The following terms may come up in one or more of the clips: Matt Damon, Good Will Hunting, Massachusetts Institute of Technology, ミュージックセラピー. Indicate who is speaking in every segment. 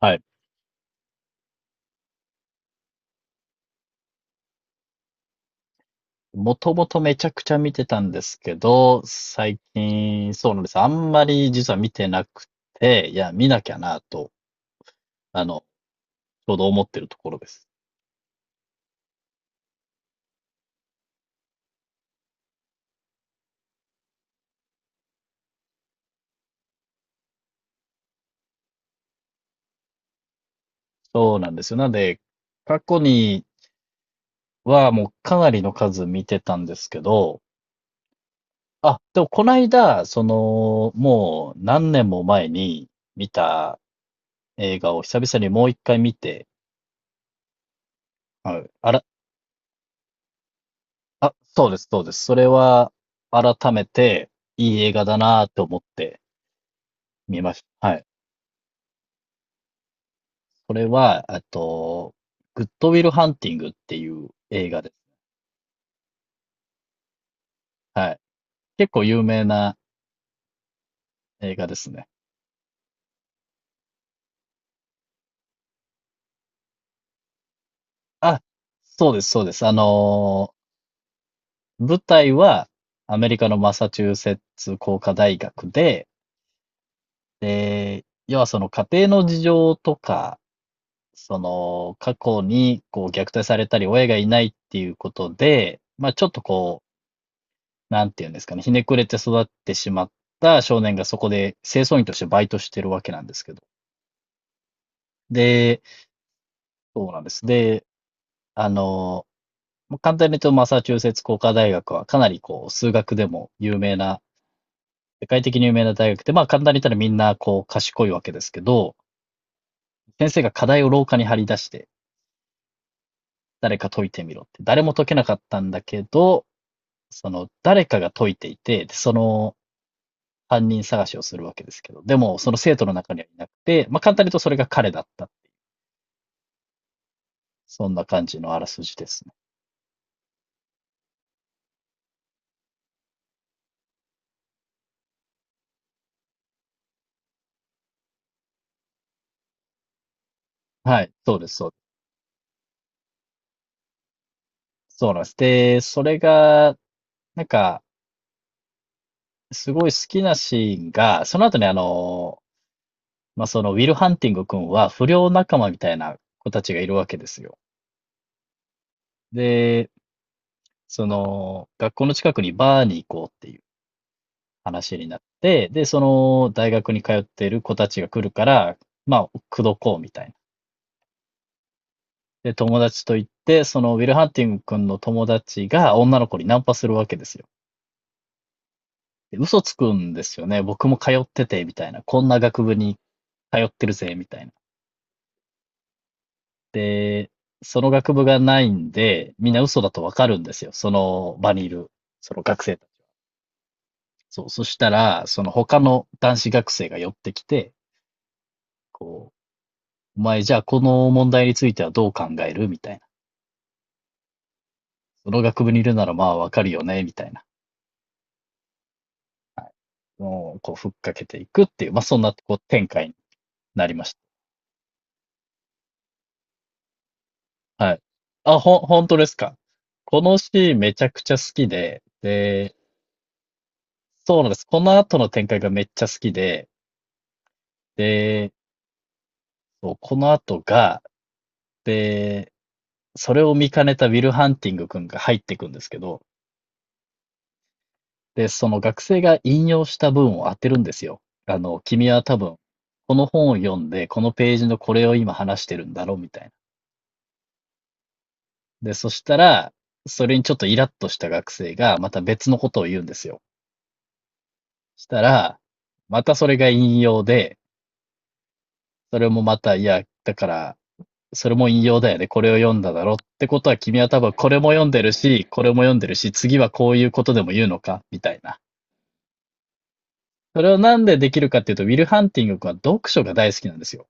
Speaker 1: はい。もともとめちゃくちゃ見てたんですけど、最近、そうなんです。あんまり実は見てなくて、いや、見なきゃなと、あの、ちょうど思ってるところです。そうなんですよ。なんで、過去にはもうかなりの数見てたんですけど、あ、でもこの間、その、もう何年も前に見た映画を久々にもう一回見て、はい。あら、あ、そうです、そうです。それは改めていい映画だなと思って、見ました。はい。それは、グッドウィルハンティングっていう映画です。はい。結構有名な映画ですね。あ、そうです、そうです。舞台はアメリカのマサチューセッツ工科大学で、で、要はその家庭の事情とか、その過去にこう虐待されたり親がいないっていうことで、まあちょっとこなんていうんですかね、ひねくれて育ってしまった少年がそこで清掃員としてバイトしてるわけなんですけど。で、そうなんです。で、あの、簡単に言うとマサチューセッツ工科大学はかなりこう数学でも有名な、世界的に有名な大学で、まあ簡単に言ったらみんなこう賢いわけですけど、先生が課題を廊下に張り出して誰か解いてみろって、誰も解けなかったんだけど、その誰かが解いていて、その犯人探しをするわけですけど、でも、その生徒の中にはいなくて、まあ、簡単に言うとそれが彼だった。そんな感じのあらすじですね。はい、そうです、そうです。そうなんです。で、それが、なんか、すごい好きなシーンが、その後にまあ、そのウィル・ハンティング君は不良仲間みたいな子たちがいるわけですよ。で、その、学校の近くにバーに行こうっていう話になって、で、その大学に通っている子たちが来るから、まあ、口説こうみたいな。で、友達と行って、そのウィル・ハンティング君の友達が女の子にナンパするわけですよ。で、嘘つくんですよね。僕も通ってて、みたいな。こんな学部に通ってるぜ、みたいな。で、その学部がないんで、みんな嘘だとわかるんですよ。その場にいる、その学生たち。そう。そしたら、その他の男子学生が寄ってきて、こう、お前じゃあこの問題についてはどう考えるみたいな。その学部にいるならまあわかるよねみたいな。の、こう、ふっかけていくっていう、まあ、そんな、こう、展開になりました。はい。あ、本当ですか？このシーンめちゃくちゃ好きで、で、そうなんです。この後の展開がめっちゃ好きで、で、そうこの後が、で、それを見かねたウィル・ハンティング君が入ってくんですけど、で、その学生が引用した文を当てるんですよ。あの、君は多分、この本を読んで、このページのこれを今話してるんだろうみたいな。で、そしたら、それにちょっとイラッとした学生が、また別のことを言うんですよ。したら、またそれが引用で、それもまた、いや、だから、それも引用だよね。これを読んだだろってことは、君は多分これも読んでるし、これも読んでるし、次はこういうことでも言うのかみたいな。それをなんでできるかっていうと、ウィル・ハンティング君は読書が大好きなんですよ。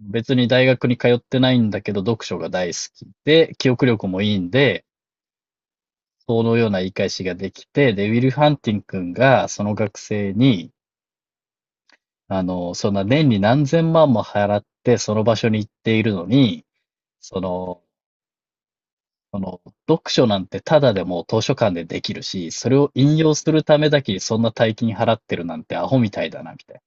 Speaker 1: 別に大学に通ってないんだけど、読書が大好きで、記憶力もいいんで、そのような言い返しができて、で、ウィル・ハンティン君が、その学生に、あの、そんな年に何千万も払って、その場所に行っているのに、その、その読書なんてただでも図書館でできるし、それを引用するためだけにそんな大金払ってるなんてアホみたいだな、みたいな。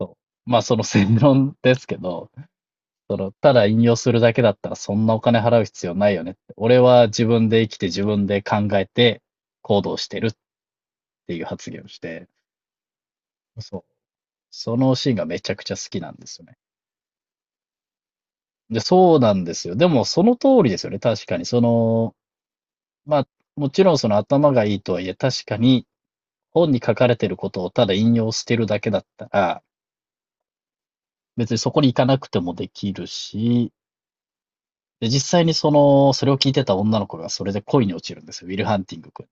Speaker 1: そうまあ、その正論ですけど、その、ただ引用するだけだったらそんなお金払う必要ないよねって。俺は自分で生きて自分で考えて行動してるっていう発言をして、そう。そのシーンがめちゃくちゃ好きなんですよね。で、そうなんですよ。でも、その通りですよね。確かに。その、まあ、もちろんその頭がいいとはいえ、確かに本に書かれてることをただ引用してるだけだったら、別にそこに行かなくてもできるし、で、実際にその、それを聞いてた女の子がそれで恋に落ちるんですよ。ウィル・ハンティング君。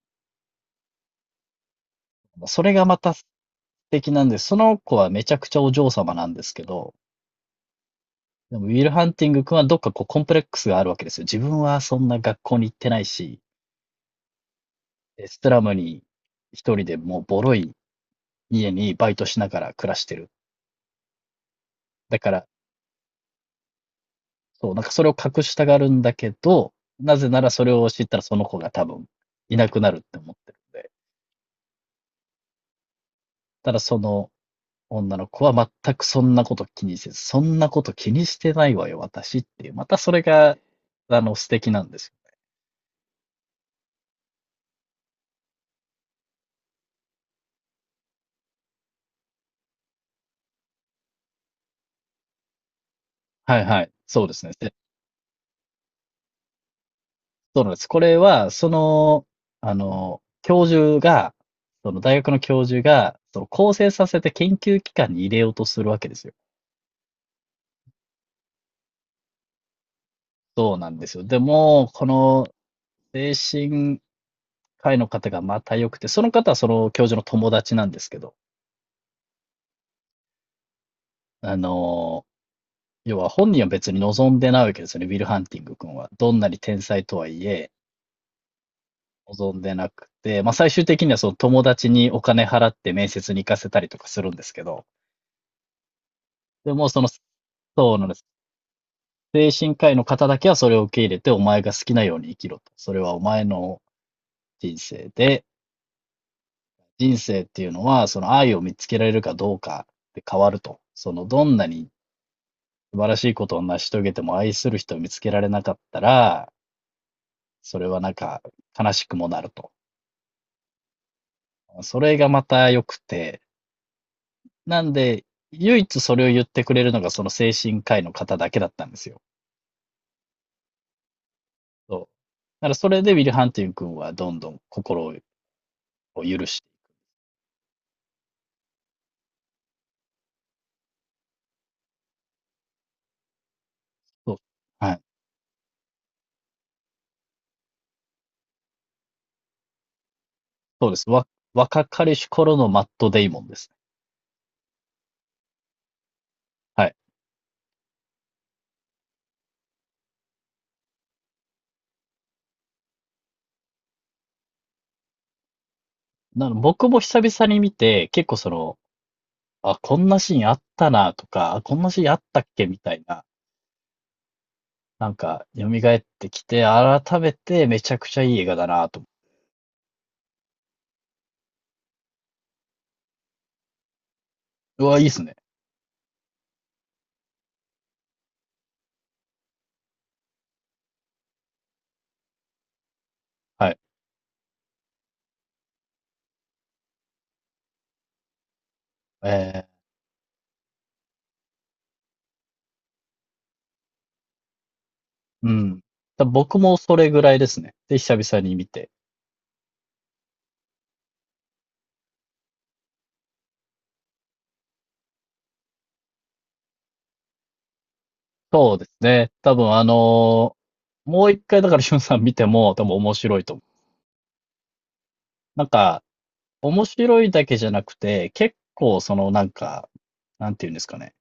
Speaker 1: それがまた素敵なんです。その子はめちゃくちゃお嬢様なんですけど、でもウィル・ハンティング君はどっかこうコンプレックスがあるわけですよ。自分はそんな学校に行ってないし、で、ストラムに一人でもうボロい家にバイトしながら暮らしてる。だから、そう、なんかそれを隠したがるんだけど、なぜならそれを知ったらその子が多分いなくなるって思ってるんで。ただその女の子は全くそんなこと気にせず、そんなこと気にしてないわよ、私っていう。またそれが、あの、素敵なんですよ。はいはい。そうですね。そうなんです。これは、その、あの、教授が、その大学の教授が、その構成させて研究機関に入れようとするわけですよ。そうなんですよ。でも、この精神科医の方がまた良くて、その方はその教授の友達なんですけど、あの、要は本人は別に望んでないわけですよね、ウィル・ハンティング君は。どんなに天才とはいえ、望んでなくて、まあ最終的にはその友達にお金払って面接に行かせたりとかするんですけど、でもその、そうなんです。精神科医の方だけはそれを受け入れて、お前が好きなように生きろと。それはお前の人生で、人生っていうのは、その愛を見つけられるかどうかで変わると。その、どんなに素晴らしいことを成し遂げても愛する人を見つけられなかったら、それはなんか悲しくもなると。それがまた良くて、なんで、唯一それを言ってくれるのがその精神科医の方だけだったんですよ。そう。だからそれでウィル・ハンティング君はどんどん心を許して、そう。はい。そうです。若かりし頃のマット・デイモンですね。はい。なの、僕も久々に見て、結構その、あ、こんなシーンあったなとか、あこんなシーンあったっけみたいな、なんか、蘇ってきて、改めてめちゃくちゃいい映画だなと。うわ、いいですね。はい。えうん。だ僕もそれぐらいですね。で、久々に見て。そうですね。多分もう一回だからしゅんさん見ても多分面白いと思う。なんか、面白いだけじゃなくて、結構そのなんか、なんていうんですかね。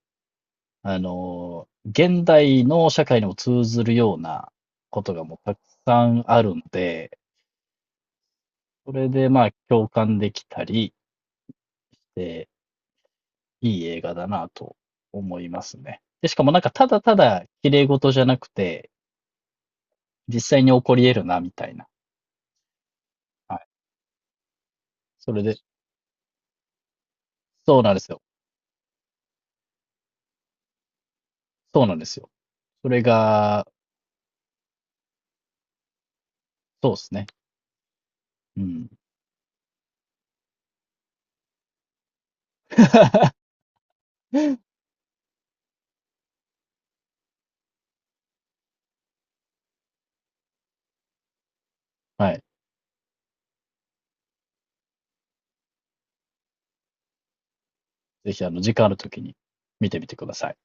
Speaker 1: あの、現代の社会にも通ずるようなことがもうたくさんあるんで、それでまあ共感できたりで、いい映画だなと思いますね。で、しかもなんかただただ綺麗事じゃなくて、実際に起こり得るなみたいな。はい。それで、そうなんですよ。そうなんですよ。それが、そうですね。うん。はい。ぜひ、あの、時間あるときに見てみてください。